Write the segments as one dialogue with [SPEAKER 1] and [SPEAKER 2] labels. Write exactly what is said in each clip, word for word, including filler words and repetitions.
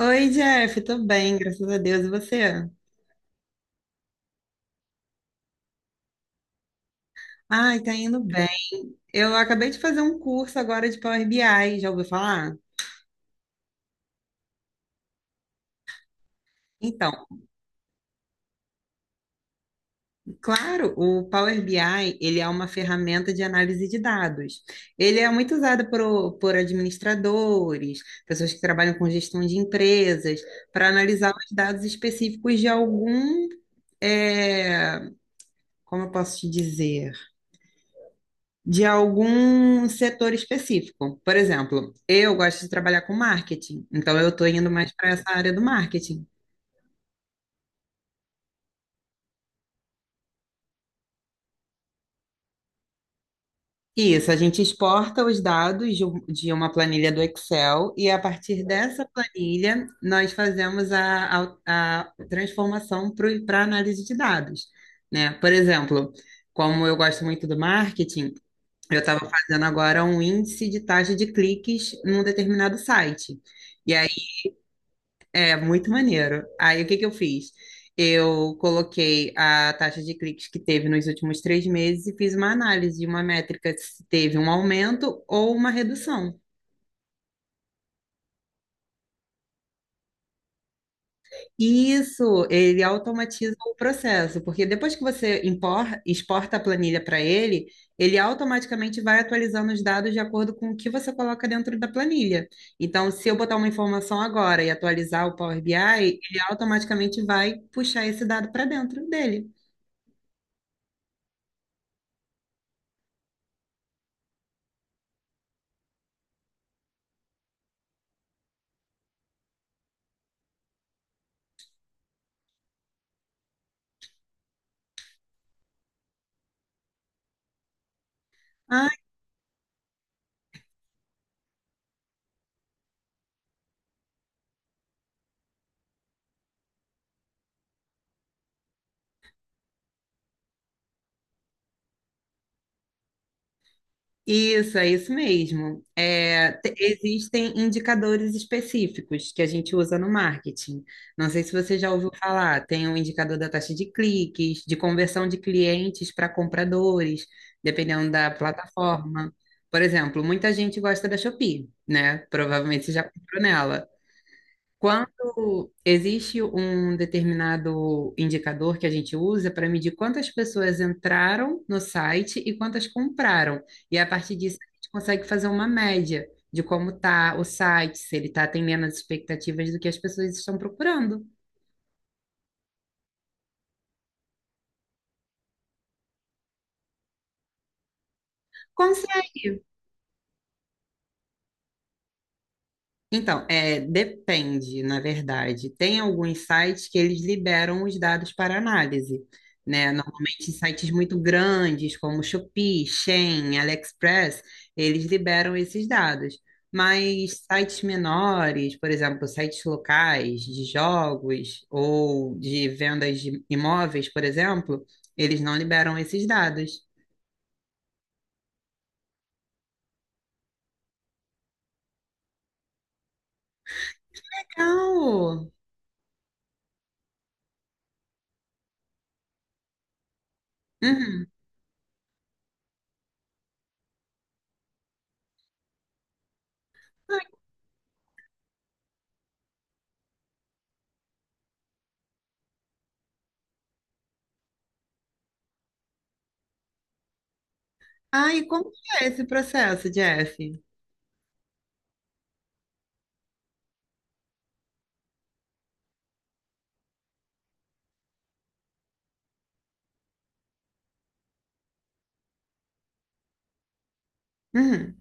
[SPEAKER 1] Oi, Jeff, tô bem, graças a Deus. E você? Ai, tá indo bem. Eu acabei de fazer um curso agora de Power B I, já ouviu falar? Então, claro, o Power B I, ele é uma ferramenta de análise de dados. Ele é muito usado por, por administradores, pessoas que trabalham com gestão de empresas, para analisar os dados específicos de algum, eh, como eu posso te dizer? De algum setor específico. Por exemplo, eu gosto de trabalhar com marketing, então eu estou indo mais para essa área do marketing. E isso, a gente exporta os dados de um- de uma planilha do Excel e a partir dessa planilha nós fazemos a, a- a transformação para análise de dados, né? Por exemplo, como eu gosto muito do marketing, eu estava fazendo agora um índice de taxa de cliques num determinado site. E aí, é muito maneiro. Aí o que que eu fiz? Eu coloquei a taxa de cliques que teve nos últimos três meses e fiz uma análise de uma métrica se teve um aumento ou uma redução. E isso, ele automatiza o processo, porque depois que você impor- exporta a planilha para ele, ele automaticamente vai atualizando os dados de acordo com o que você coloca dentro da planilha. Então, se eu botar uma informação agora e atualizar o Power B I, ele automaticamente vai puxar esse dado para dentro dele. Isso, é isso mesmo. É, te- existem indicadores específicos que a gente usa no marketing. Não sei se você já ouviu falar, tem o indicador da taxa de cliques, de conversão de clientes para compradores, dependendo da plataforma. Por exemplo, muita gente gosta da Shopee, né? Provavelmente você já comprou nela. Quando existe um determinado indicador que a gente usa para medir quantas pessoas entraram no site e quantas compraram. E a partir disso a gente consegue fazer uma média de como está o site, se ele está atendendo as expectativas do que as pessoas estão procurando. Consegue. Então, é, depende, na verdade. Tem alguns sites que eles liberam os dados para análise, né? Normalmente sites muito grandes, como Shopee, Shein, AliExpress, eles liberam esses dados. Mas sites menores, por exemplo, sites locais de jogos ou de vendas de imóveis, por exemplo, eles não liberam esses dados. Legal! Uhum. Ah, e como que é esse processo, Jeff? Uhum.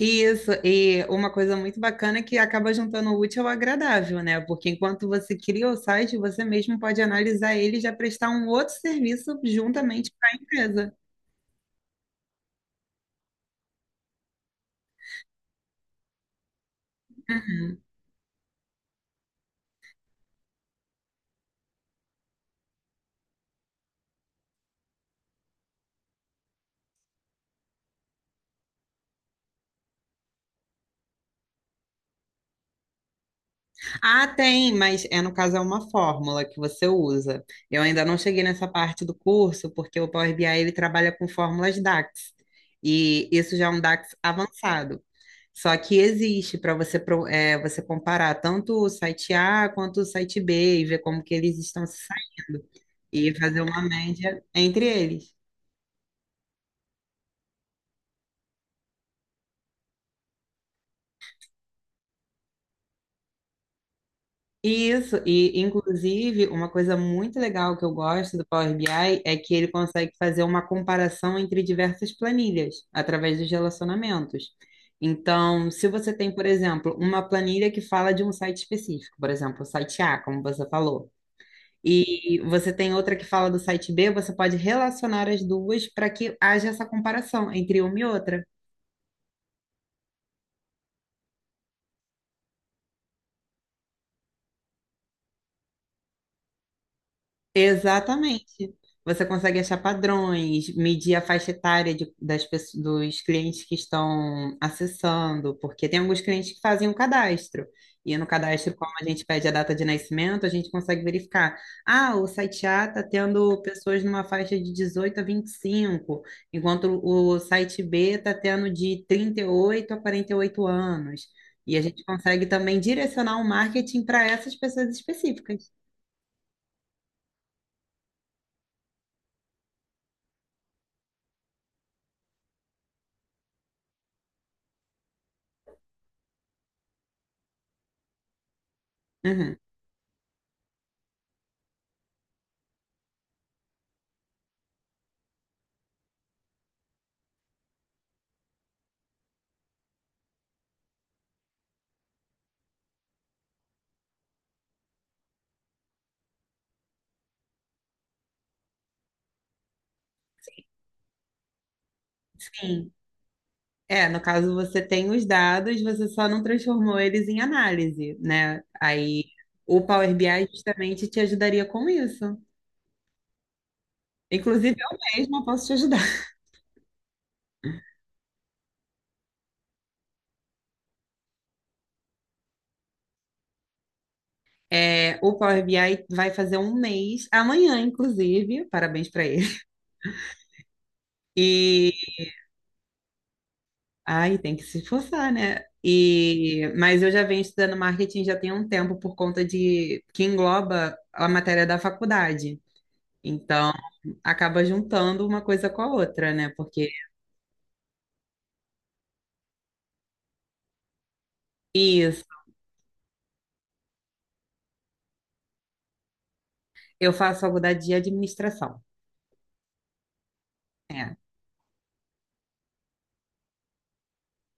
[SPEAKER 1] Isso, e uma coisa muito bacana é que acaba juntando o útil ao agradável, né? Porque enquanto você cria o site, você mesmo pode analisar ele e já prestar um outro serviço juntamente para a empresa. Ah, tem, mas é no caso é uma fórmula que você usa. Eu ainda não cheguei nessa parte do curso, porque o Power B I ele trabalha com fórmulas DAX. E isso já é um DAX avançado. Só que existe para você, pro- é, você comparar tanto o site A quanto o site B e ver como que eles estão se saindo e fazer uma média entre eles. Isso, e inclusive uma coisa muito legal que eu gosto do Power B I é que ele consegue fazer uma comparação entre diversas planilhas através dos relacionamentos. Então, se você tem, por exemplo, uma planilha que fala de um site específico, por exemplo, o site A, como você falou, e você tem outra que fala do site B, você pode relacionar as duas para que haja essa comparação entre uma e outra. Exatamente. Você consegue achar padrões, medir a faixa etária de- das pessoas, dos clientes que estão acessando, porque tem alguns clientes que fazem um cadastro. E no cadastro, como a gente pede a data de nascimento, a gente consegue verificar. Ah, o site A está tendo pessoas numa faixa de dezoito a vinte e cinco, enquanto o site B está tendo de trinta e oito a quarenta e oito anos. E a gente consegue também direcionar o marketing para essas pessoas específicas. Uhum. Sim. É, no caso você tem os dados, você só não transformou eles em análise, né? Aí o Power B I justamente te ajudaria com isso. Inclusive eu mesma posso te ajudar. É, o Power B I vai fazer um mês, amanhã inclusive, parabéns para ele. E ai, tem que se esforçar, né? E mas eu já venho estudando marketing já tem um tempo por conta de que engloba a matéria da faculdade. Então, acaba juntando uma coisa com a outra, né? Porque isso, eu faço faculdade de administração. É.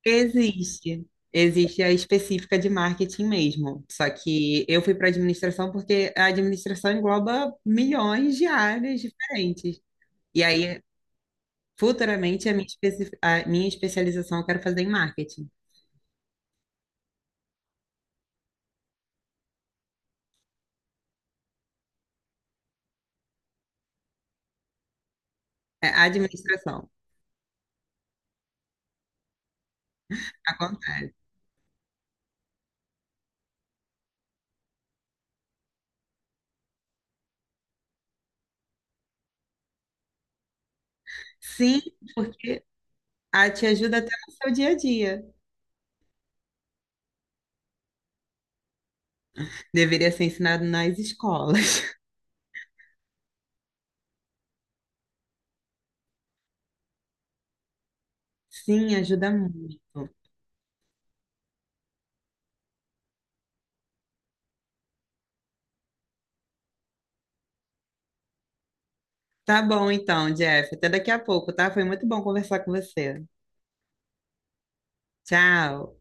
[SPEAKER 1] Existe. Existe a específica de marketing mesmo. Só que eu fui para administração porque a administração engloba milhões de áreas diferentes. E aí, futuramente, a minha, especi- a minha especialização eu quero fazer em marketing. É administração. Acontece. Sim, porque a te ajuda até no seu dia a dia. Deveria ser ensinado nas escolas. Sim, ajuda muito. Tá bom então, Jeff. Até daqui a pouco, tá? Foi muito bom conversar com você. Tchau.